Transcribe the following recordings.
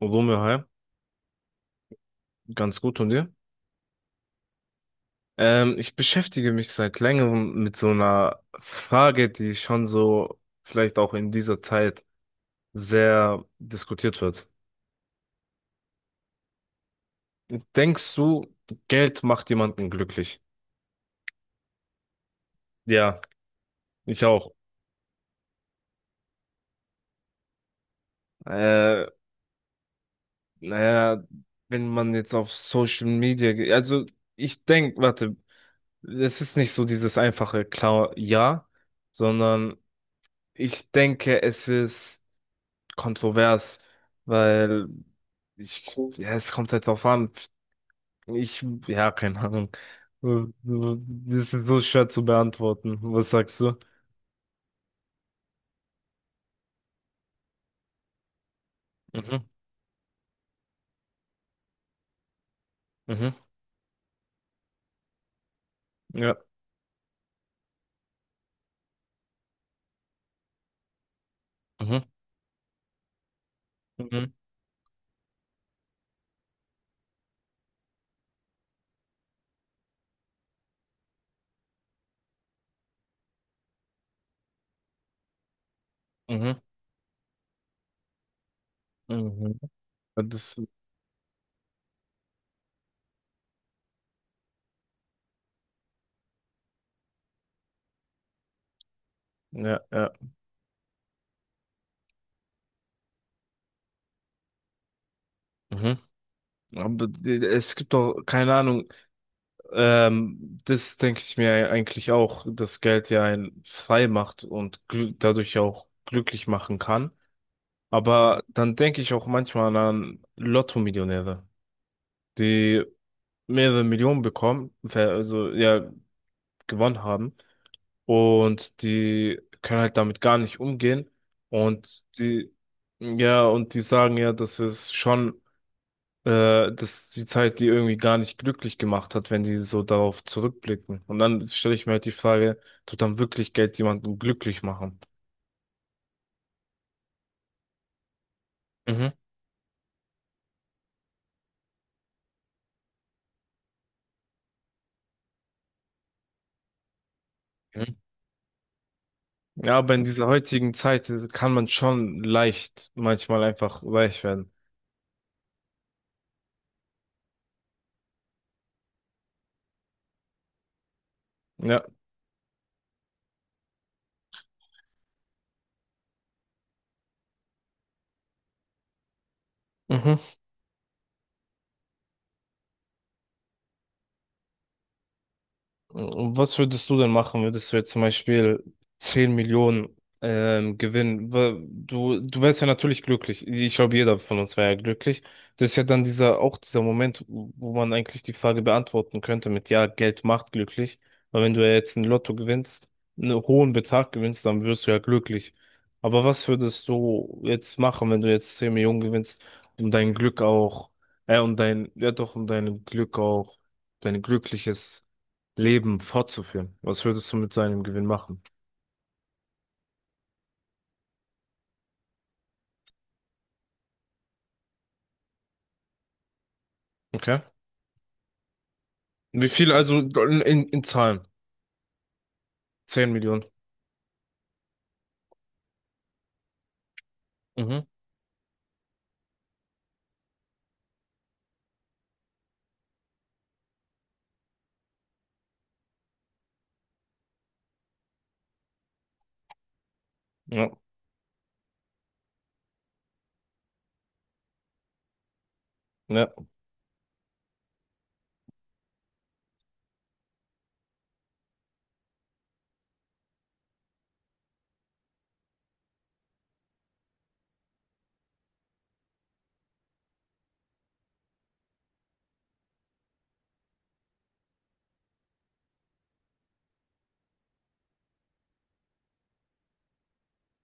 Romeo, hi. Ganz gut und dir? Ich beschäftige mich seit längerem mit so einer Frage, die schon so vielleicht auch in dieser Zeit sehr diskutiert wird. Denkst du, Geld macht jemanden glücklich? Ja, ich auch. Äh, naja, wenn man jetzt auf Social Media geht, also ich denke, warte, es ist nicht so dieses einfache klar Ja, sondern ich denke, es ist kontrovers, weil ich, ja, es kommt halt drauf an. Ich, ja, keine Ahnung. Das ist so schwer zu beantworten. Was sagst du? Mhm, mhm, ja, mhm, mhm, mhm, mhm. Das, ja, ja, mhm. Aber es gibt doch, keine Ahnung, das denke ich mir eigentlich auch, dass Geld ja einen frei macht und dadurch auch glücklich machen kann. Aber dann denke ich auch manchmal an Lotto-Millionäre, die mehrere Millionen bekommen, also ja, gewonnen haben und die können halt damit gar nicht umgehen und die, ja, und die sagen ja, dass es schon, dass die Zeit die irgendwie gar nicht glücklich gemacht hat, wenn die so darauf zurückblicken. Und dann stelle ich mir halt die Frage, tut dann wirklich Geld jemanden glücklich machen? Mhm. Ja, aber in dieser heutigen Zeit kann man schon leicht, manchmal einfach weich werden. Ja. Mhm. Was würdest du denn machen, würdest du jetzt zum Beispiel 10 Millionen gewinnen? Du wärst ja natürlich glücklich. Ich glaube, jeder von uns wäre ja glücklich. Das ist ja dann dieser, auch dieser Moment, wo man eigentlich die Frage beantworten könnte mit, ja, Geld macht glücklich. Weil wenn du ja jetzt ein Lotto gewinnst, einen hohen Betrag gewinnst, dann wirst du ja glücklich. Aber was würdest du jetzt machen, wenn du jetzt 10 Millionen gewinnst, um dein Glück auch, um dein, ja doch, um dein Glück auch, dein glückliches Leben fortzuführen? Was würdest du mit seinem Gewinn machen? Okay. Wie viel also in Zahlen? 10 Millionen. Mhm. Ja. Ja.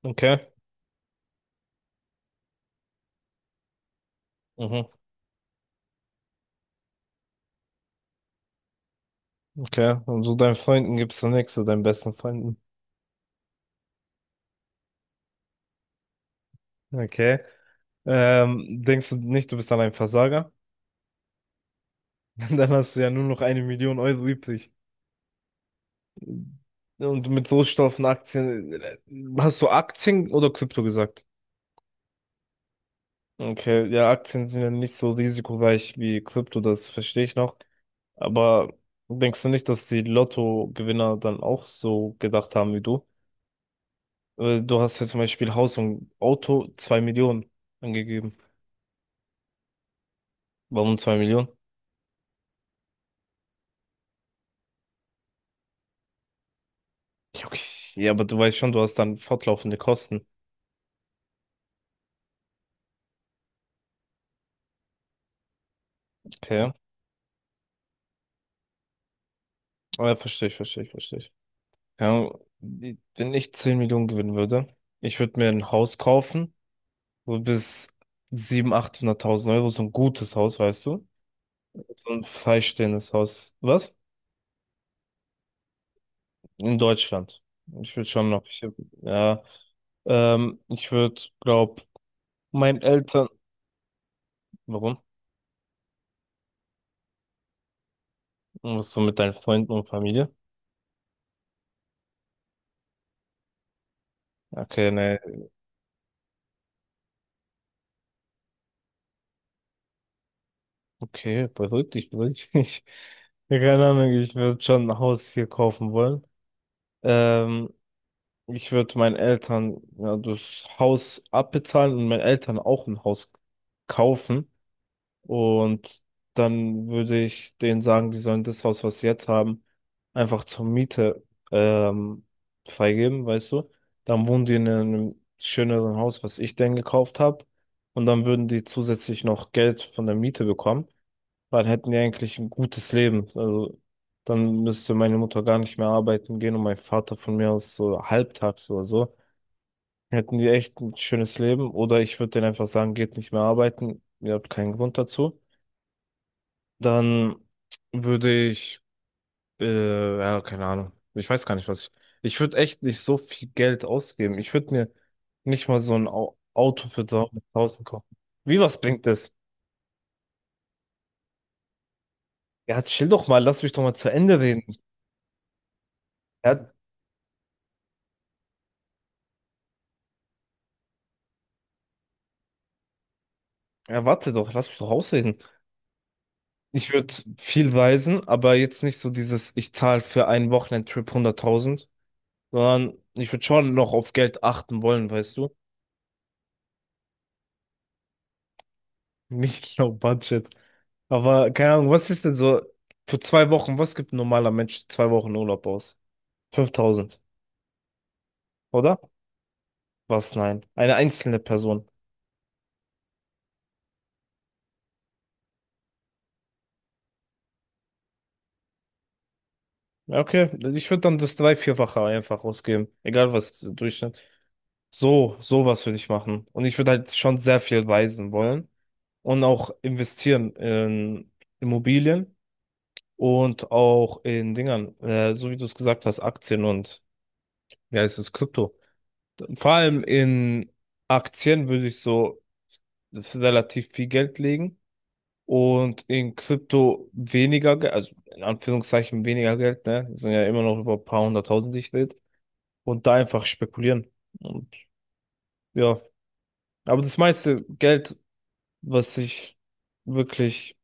Okay. Mhm. Okay. Und so deinen Freunden gibst du nichts, so deinen besten Freunden. Okay. Denkst du nicht, du bist dann ein Versager? Dann hast du ja nur noch eine Million Euro übrig. Und mit Rohstoffen, Aktien, hast du Aktien oder Krypto gesagt? Okay, ja, Aktien sind ja nicht so risikoreich wie Krypto, das verstehe ich noch. Aber denkst du nicht, dass die Lottogewinner dann auch so gedacht haben wie du? Du hast ja zum Beispiel Haus und Auto 2 Millionen angegeben. Warum 2 Millionen? Ja, okay, ja, aber du weißt schon, du hast dann fortlaufende Kosten. Okay. Aber ja, verstehe ich, verstehe ich, verstehe ich. Ja, wenn ich 10 Millionen gewinnen würde, ich würde mir ein Haus kaufen, wo bis 700.000, 800.000 Euro, so ein gutes Haus, weißt du? So ein freistehendes Haus. Was? In Deutschland. Ich würde schon noch, ich, ja, ich würde, glaub, meinen Eltern, warum? Was so mit deinen Freunden und Familie? Okay, ne, okay, beruhig dich, beruhig dich. Ja, keine Ahnung, ich würde schon ein Haus hier kaufen wollen. Ähm, ich würde meinen Eltern, ja, das Haus abbezahlen und meinen Eltern auch ein Haus kaufen. Und dann würde ich denen sagen, die sollen das Haus, was sie jetzt haben, einfach zur Miete ähm, freigeben, weißt du? Dann wohnen die in einem schöneren Haus, was ich denen gekauft habe. Und dann würden die zusätzlich noch Geld von der Miete bekommen. Dann hätten die eigentlich ein gutes Leben. Also dann müsste meine Mutter gar nicht mehr arbeiten gehen und mein Vater von mir aus so halbtags oder so. Hätten die echt ein schönes Leben. Oder ich würde denen einfach sagen, geht nicht mehr arbeiten. Ihr habt keinen Grund dazu. Dann würde ich, ja, keine Ahnung. Ich weiß gar nicht, was ich. Ich würde echt nicht so viel Geld ausgeben. Ich würde mir nicht mal so ein Au Auto für 300.000 kaufen. Wie, was bringt das? Ja, chill doch mal, lass mich doch mal zu Ende reden. Ja, ja, warte doch, lass mich doch ausreden. Ich würde viel reisen, aber jetzt nicht so dieses, ich zahle für einen Wochenendtrip 100.000, sondern ich würde schon noch auf Geld achten wollen, weißt du? Nicht low budget. Aber keine Ahnung, was ist denn so für 2 Wochen, was gibt ein normaler Mensch 2 Wochen Urlaub aus? 5.000, oder? Was? Nein. Eine einzelne Person. Ja, okay, ich würde dann das drei, vierfache einfach ausgeben. Egal was Durchschnitt. So, sowas würde ich machen. Und ich würde halt schon sehr viel reisen wollen und auch investieren in Immobilien und auch in Dingern, so wie du es gesagt hast, Aktien und, wie heißt es, Krypto. Vor allem in Aktien würde ich so relativ viel Geld legen und in Krypto weniger Geld, also in Anführungszeichen weniger Geld, ne? Das sind ja immer noch über ein paar hunderttausend, die ich rede. Und da einfach spekulieren. Und ja, aber das meiste Geld, was ich wirklich,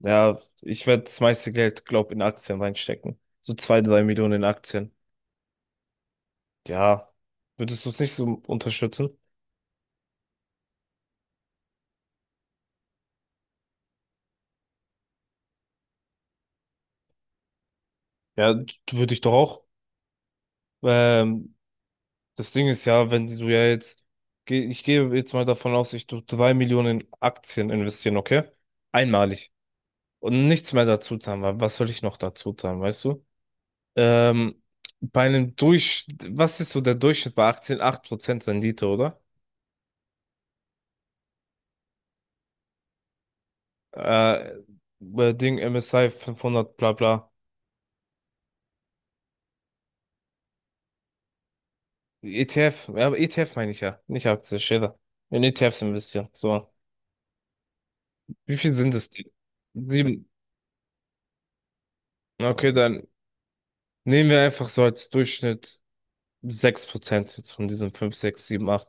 ja, ich werde das meiste Geld, glaub, in Aktien reinstecken. So zwei, drei Millionen in Aktien. Ja, würdest du es nicht so unterstützen? Ja, würde ich doch auch. Ähm, Das Ding ist ja, wenn du ja jetzt, ich gehe jetzt mal davon aus, ich tu 3 Millionen Aktien investieren, okay? Einmalig. Und nichts mehr dazu zahlen, weil was soll ich noch dazu zahlen, weißt du? Ähm, bei einem Durch, was ist so der Durchschnitt bei Aktien? Acht Prozent Rendite, oder? Äh, bei Ding MSCI 500, bla bla. ETF, ja, aber ETF meine ich ja, nicht Aktie, Schäfer. In ETFs investieren, so. Wie viel sind es denn? Sieben. Okay, dann nehmen wir einfach so als Durchschnitt. 6% jetzt von diesen 5 6 7 8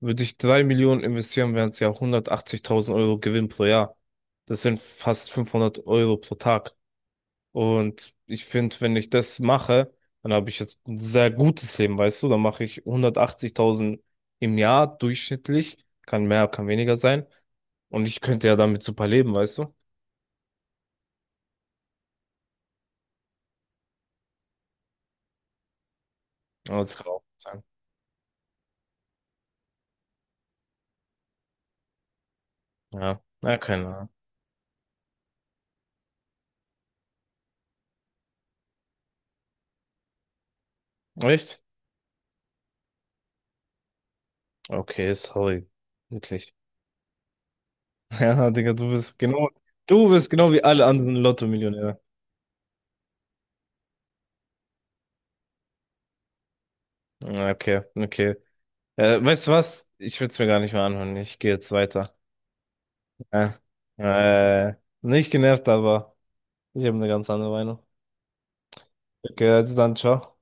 würde ich 3 Millionen investieren, wären es ja 180.000 Euro Gewinn pro Jahr. Das sind fast 500 Euro pro Tag. Und ich finde, wenn ich das mache, dann habe ich jetzt ein sehr gutes Leben, weißt du? Dann mache ich 180.000 im Jahr durchschnittlich. Kann mehr, kann weniger sein. Und ich könnte ja damit super leben, weißt du? Aber das kann auch sein. Ja, na, keine Ahnung. Echt? Okay, sorry. Wirklich. Ja, Digga, du bist genau wie alle anderen Lotto-Millionäre. Ja, okay, okay. Weißt du was? Ich will's mir gar nicht mehr anhören. Ich gehe jetzt weiter. Äh, äh, nicht genervt, aber ich habe eine ganz andere Meinung. Okay, also dann, ciao.